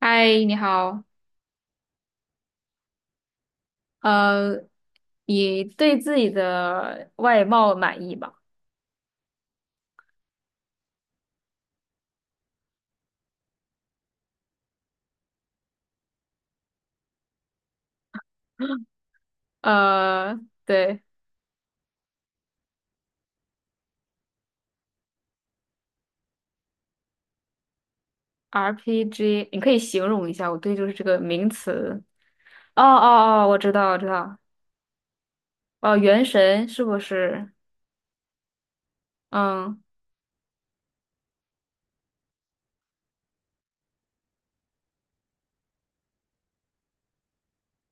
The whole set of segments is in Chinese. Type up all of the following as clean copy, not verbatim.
嗨，你好。呃，你对自己的外貌满意吗？呃，对，RPG，你可以形容一下，我对就是这个名词。哦哦哦，我知道，我知道。哦，原神是不是？嗯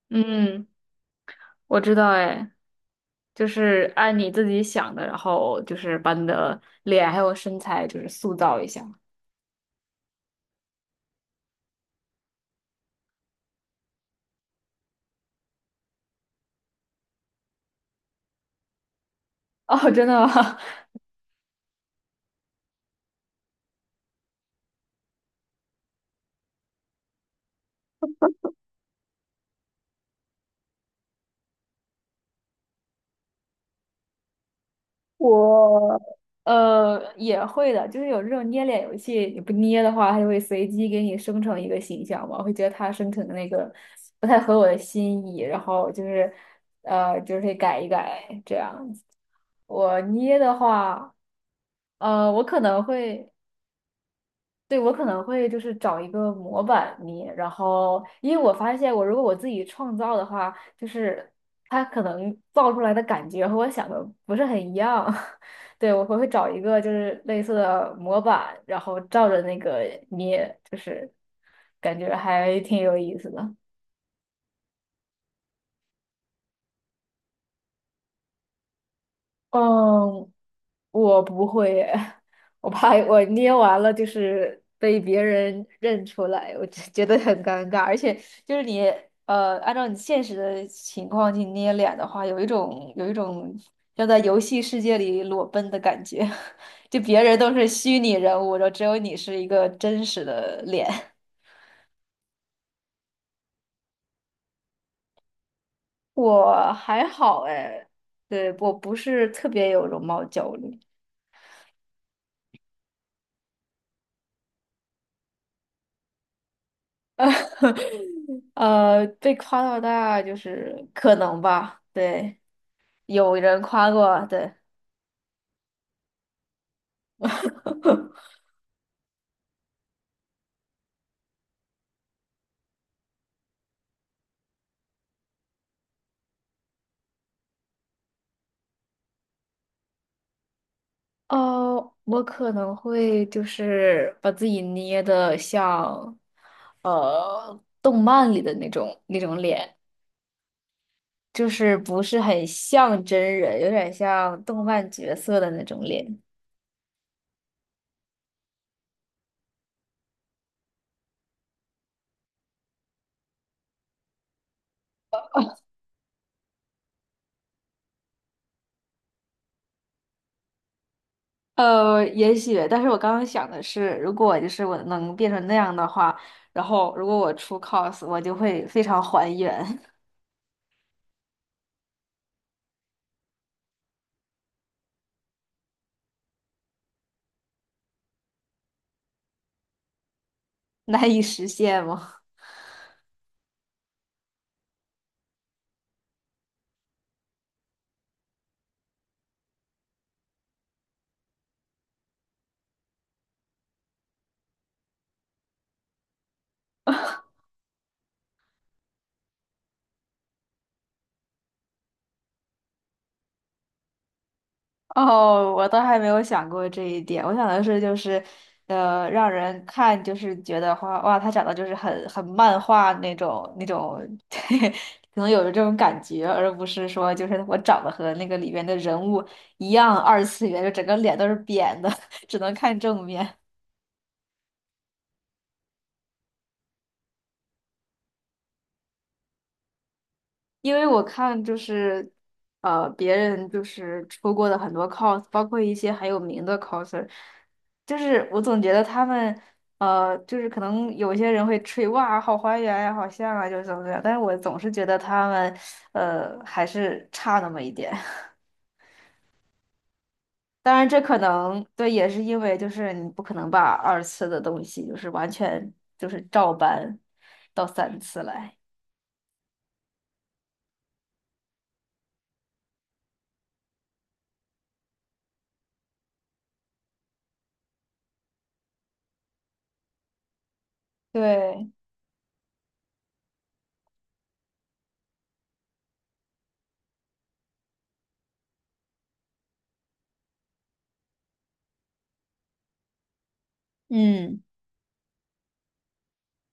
嗯，我知道，哎，就是按你自己想的，然后就是把你的脸还有身材就是塑造一下。哦，真的吗？我也会的，就是有这种捏脸游戏，你不捏的话，它就会随机给你生成一个形象嘛，我会觉得它生成的那个不太合我的心意，然后就是就是可以改一改这样子。我捏的话，我可能会。对，我可能会就是找一个模板泥，然后因为我发现我如果我自己创造的话，就是它可能造出来的感觉和我想的不是很一样。对，我会找一个就是类似的模板，然后照着那个捏，就是感觉还挺有意思的。嗯，我不会耶 我怕我捏完了就是被别人认出来，我就觉得很尴尬。而且就是你按照你现实的情况去捏脸的话，有一种要在游戏世界里裸奔的感觉，就别人都是虚拟人物，然后只有你是一个真实的脸。我还好哎，对，我不是特别有容貌焦虑。被夸到大就是可能吧，对，有人夸过，对。哦，我可能会就是把自己捏的像动漫里的那种脸，就是不是很像真人，有点像动漫角色的那种脸。也许，但是我刚刚想的是，如果就是我能变成那样的话，然后如果我出 cos，我就会非常还原，难以实现吗？哦，我倒还没有想过这一点。我想的是，就是，让人看就是觉得哇，他长得就是很漫画那种，对，可能有这种感觉，而不是说就是我长得和那个里边的人物一样二次元，就整个脸都是扁的，只能看正面。因为我看就是，别人就是出过的很多 cos，包括一些很有名的 coser，就是我总觉得他们，就是可能有些人会吹哇，好还原呀，好像啊，就是怎么怎么样，但是我总是觉得他们，还是差那么一点。当然，这可能对，也是因为就是你不可能把二次的东西就是完全就是照搬到三次来，对，嗯。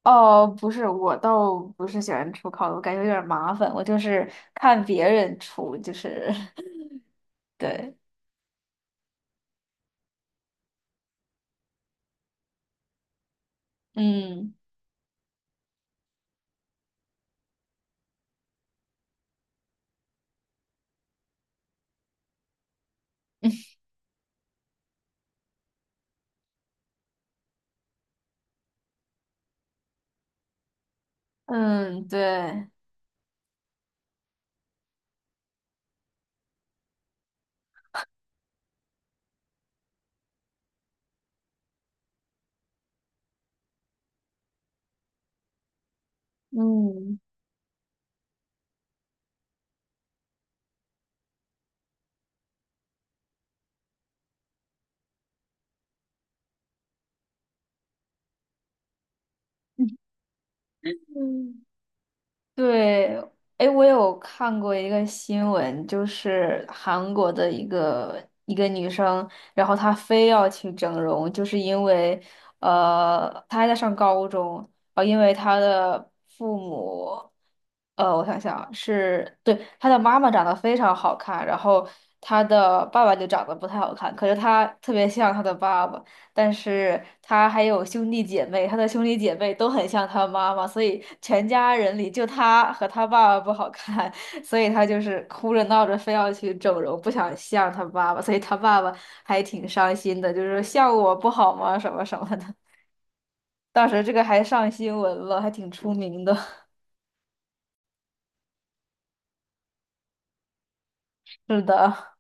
哦，不是，我倒不是喜欢出烤的，我感觉有点儿麻烦。我就是看别人出，就是 对，嗯 嗯，对，嗯 嗯对，哎，我有看过一个新闻，就是韩国的一个女生，然后她非要去整容，就是因为，她还在上高中，因为她的父母，我想想啊是，对，她的妈妈长得非常好看，然后她的爸爸就长得不太好看，可是她特别像她的爸爸，但是他还有兄弟姐妹，他的兄弟姐妹都很像他妈妈，所以全家人里就他和他爸爸不好看，所以他就是哭着闹着非要去整容，不想像他爸爸，所以他爸爸还挺伤心的，就是说像我不好吗？什么什么的。当时这个还上新闻了，还挺出名的。是的，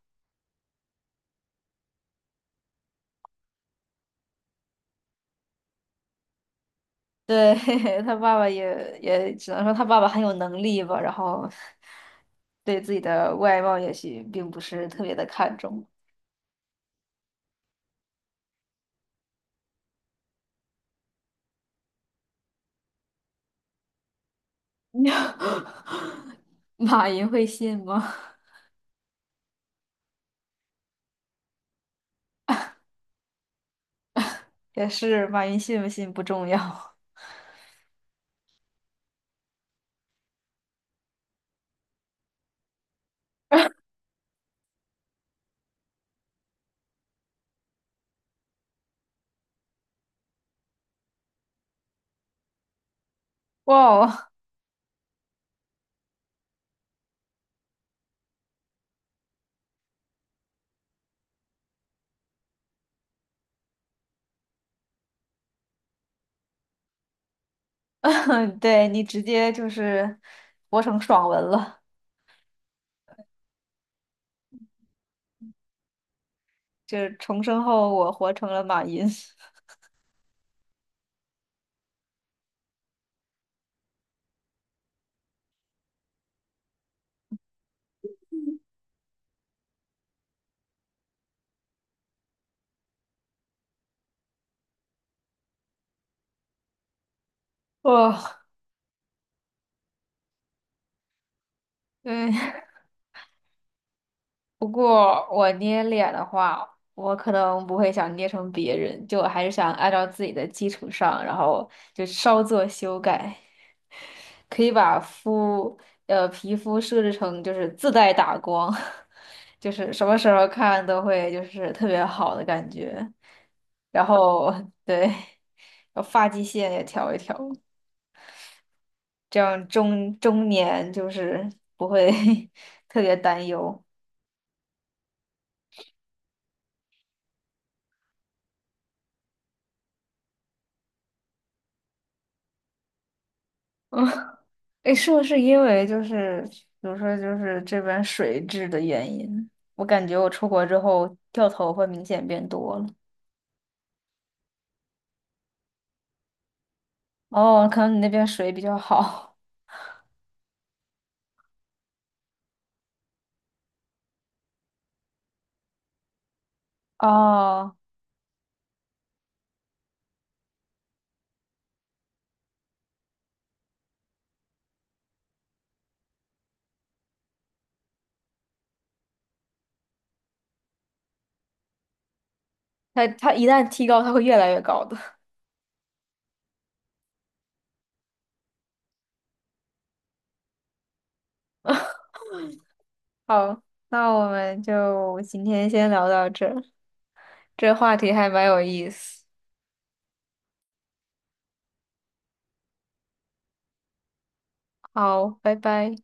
对，他爸爸也只能说他爸爸很有能力吧，然后对自己的外貌也许并不是特别的看重。马云会信吗？也是，马云信不信不重要。哇哦，对你直接就是活成爽文了，就是重生后我活成了马云。哇哦，对。不过我捏脸的话，我可能不会想捏成别人，就我还是想按照自己的基础上，然后就稍作修改。可以把肤皮肤设置成就是自带打光，就是什么时候看都会就是特别好的感觉。然后对，然后发际线也调一调，这样中年就是不会 特别担忧。嗯，诶，是不是因为就是比如说就是这边水质的原因，我感觉我出国之后掉头发明显变多了。哦，可能你那边水比较好。哦，它一旦提高，它会越来越高的。好，那我们就今天先聊到这儿，这话题还蛮有意思。好，拜拜。